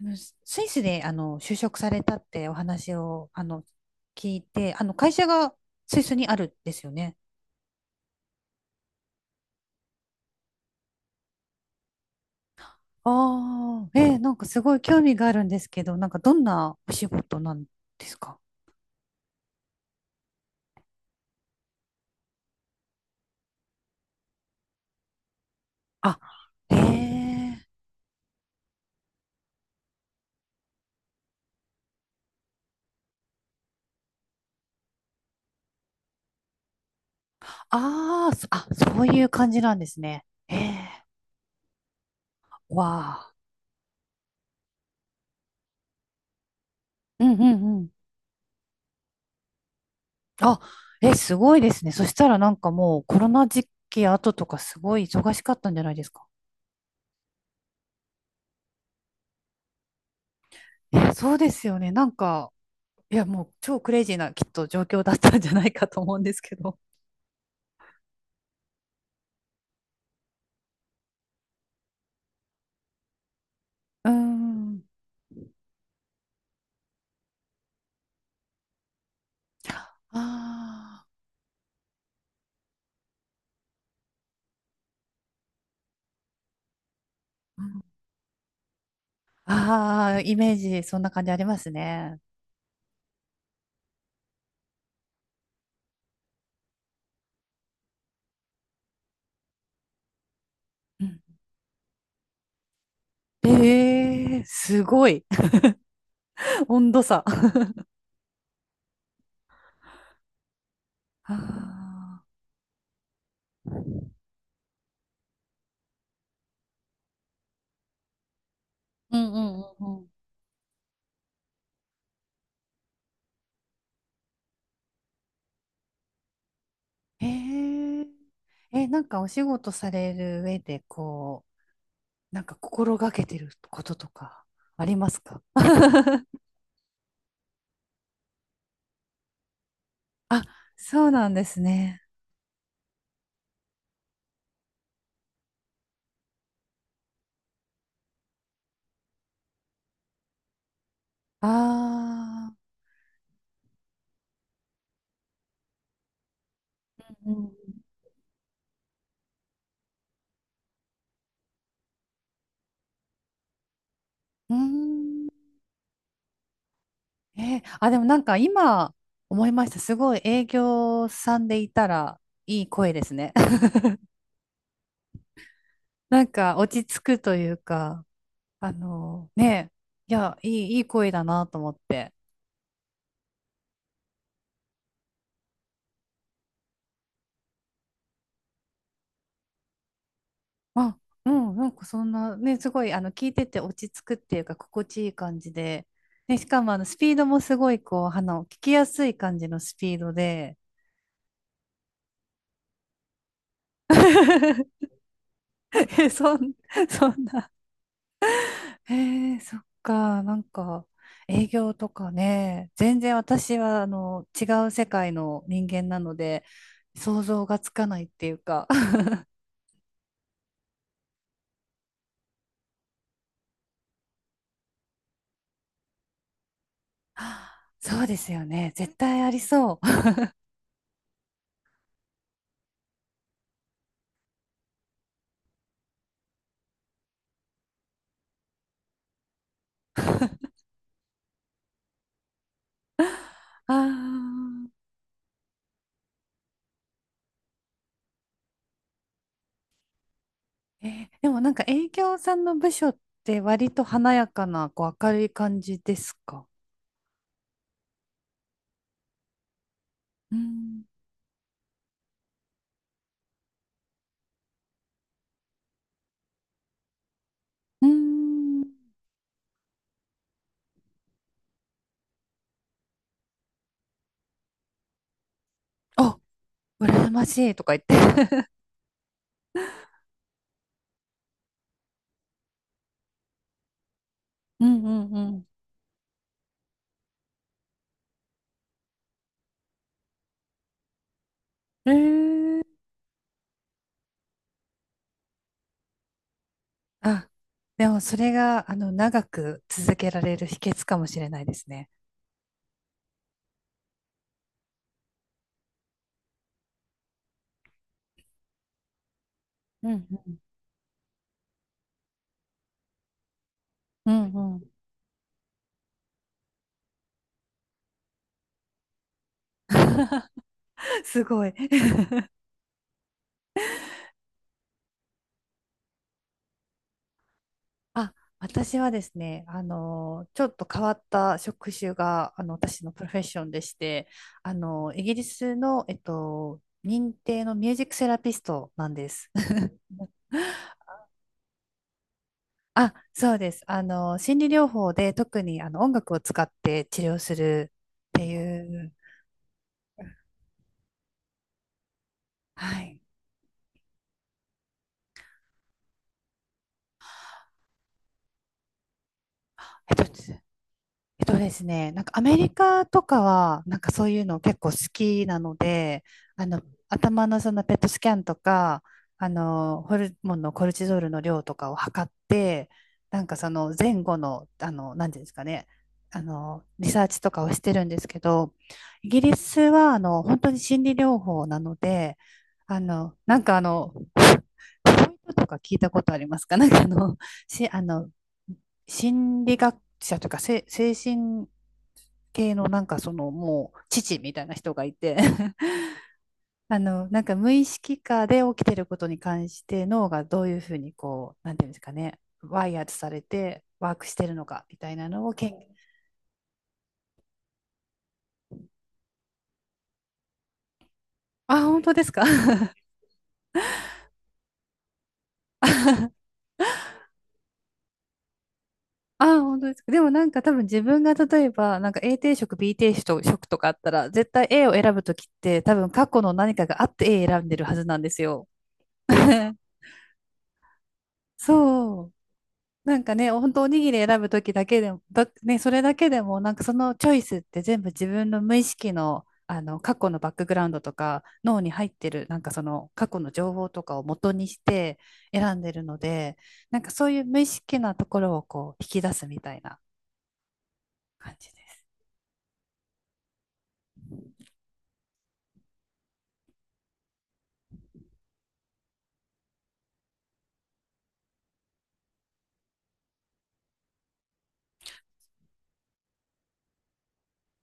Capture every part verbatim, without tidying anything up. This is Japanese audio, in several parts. あのススイスで、あの就職されたってお話をあの聞いて、あの会社がスイスにあるんですよね。ああ、えーなんかすごい興味があるんですけど、なんかどんなお仕事なんですか？あ、へえ。あーそあ、そういう感じなんですね。へえ。わあ。うんうんうん。あ、え、すごいですね。そしたらなんかもうコロナ時期後とかすごい忙しかったんじゃないですか。えそうですよね。なんか、いや、もう超クレイジーなきっと状況だったんじゃないかと思うんですけど。うーん。ああ。うん。ああ、イメージ、そんな感じありますね。うん。ええ、すごい。温度差。あー、うんうんうんうん。ええ。え、なんかお仕事される上で、こう、なんか心がけてることとかありますか？ あ、そうなんですね。ああ。うん。うーん。えーあ、でもなんか今思いました。すごい営業さんでいたらいい声ですね。なんか落ち着くというか、あのね、いや、いい、いい声だなと思って。あ、うん、なんかそんな、ね、すごい、あの、聞いてて落ち着くっていうか、心地いい感じで。ね、しかも、あの、スピードもすごい、こう、あの、聞きやすい感じのスピードで。えそん、そんなへえ、そっか、なんか、営業とかね、全然私は、あの、違う世界の人間なので、想像がつかないっていうか、そうですよね、絶対ありそう。ああ、えーでもなんか営業さんの部署って割と華やかな、こう、明るい感じですか？うん。うーん。あ、羨ましいとか言って。うんうんうん。えーあ、でもそれが、あの、長く続けられる秘訣かもしれないですね。うんうん。うんうん。すごい。あ、私はですね、あの、ちょっと変わった職種が、あの、私のプロフェッションでして、あの、イギリスの、えっと、認定のミュージックセラピストなんです。あ、そうです。あの、心理療法で特にあの音楽を使って治療するっていう、はい。えっと、えっとですね、なんかアメリカとかは、なんかそういうの結構好きなので、あの、頭のそのペットスキャンとか、あの、ホルモンのコルチゾールの量とかを測って、なんかその前後の、あの、なんていうんですかね、あの、リサーチとかをしてるんですけど、イギリスは、あの、本当に心理療法なので、あの、なんかあの、フロイトとか聞いたことありますか？なんかあの、し、あの、心理学者というか、精神系のなんかそのもう父みたいな人がいて あの、なんか無意識下で起きてることに関して脳がどういうふうにこう、なんていうんですかね、ワイヤーされてワークしてるのかみたいなのを研究。あ、本当ですか？ あ、本当ですか。でもなんか多分自分が例えば、なんか A 定食、B 定食とかあったら、絶対 A を選ぶときって多分過去の何かがあって A 選んでるはずなんですよ。 そう。なんかね、本当おにぎり選ぶときだけでも、だ、ね、それだけでも、なんかそのチョイスって全部自分の無意識の、あの過去のバックグラウンドとか脳に入ってるなんかその過去の情報とかを元にして選んでるので、なんかそういう無意識なところをこう引き出すみたいな感じです。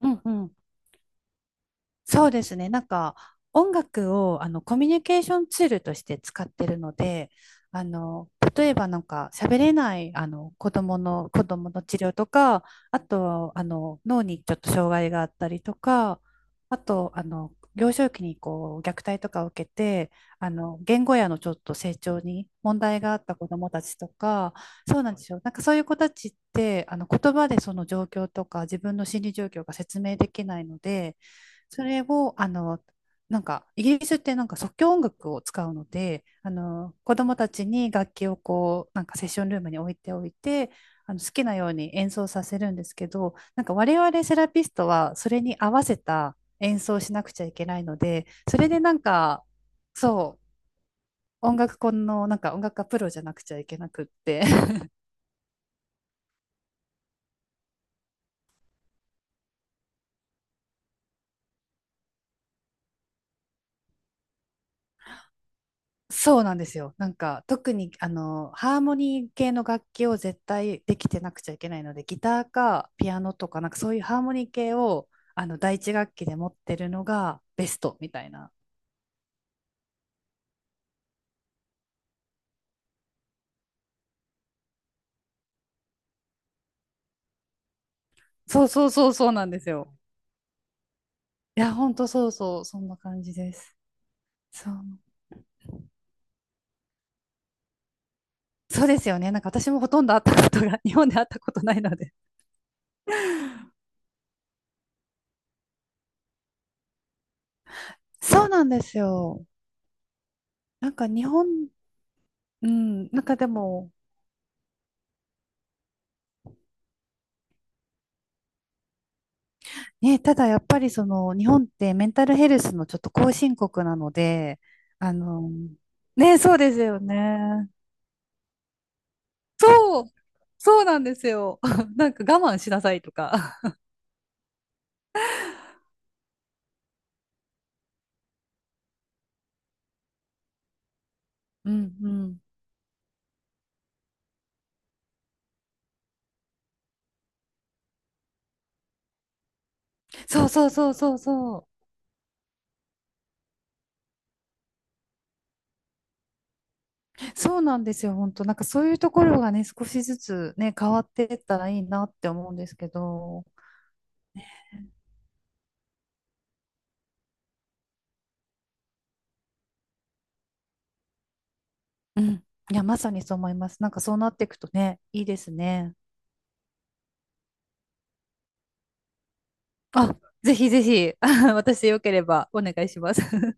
うんうん。そうですね。なんか、音楽をあのコミュニケーションツールとして使ってるので、あの、例えばなんか喋れないあの子供の、子供の治療とか、あと、あの、脳にちょっと障害があったりとか、あと、あの、幼少期にこう虐待とかを受けて、あの、言語やのちょっと成長に問題があった子供たちとか、そうなんですよ。なんかそういう子たちって、あの、言葉でその状況とか自分の心理状況が説明できないので、それを、あの、なんか、イギリスってなんか即興音楽を使うので、あの、子供たちに楽器をこう、なんかセッションルームに置いておいて、あの好きなように演奏させるんですけど、なんか我々セラピストはそれに合わせた演奏をしなくちゃいけないので、それでなんか、そう、音楽家の、なんか音楽家プロじゃなくちゃいけなくって、そうなんですよ。なんか特にあのハーモニー系の楽器を絶対できてなくちゃいけないので、ギターかピアノとかなんかそういうハーモニー系をあの第一楽器で持ってるのがベストみたいな。そうそうそうそうなんですよ。いや本当そうそうそんな感じです。そう、そうですよね。なんか私もほとんど会ったことが 日本で会ったことないので。そうなんですよ。なんか日本、うん、なんかでもね、ただやっぱりその日本ってメンタルヘルスのちょっと後進国なので、あの、ね、そうですよね。そう、そうなんですよ。なんか我慢しなさいとか。うんうん。そうそうそうそうそう。そうなんですよ、本当。なんかそういうところがね、少しずつね、変わっていったらいいなって思うんですけど。うん。いや、まさにそう思います。なんかそうなっていくとね、いいですね。あ、ぜひぜひ、私よければお願いします。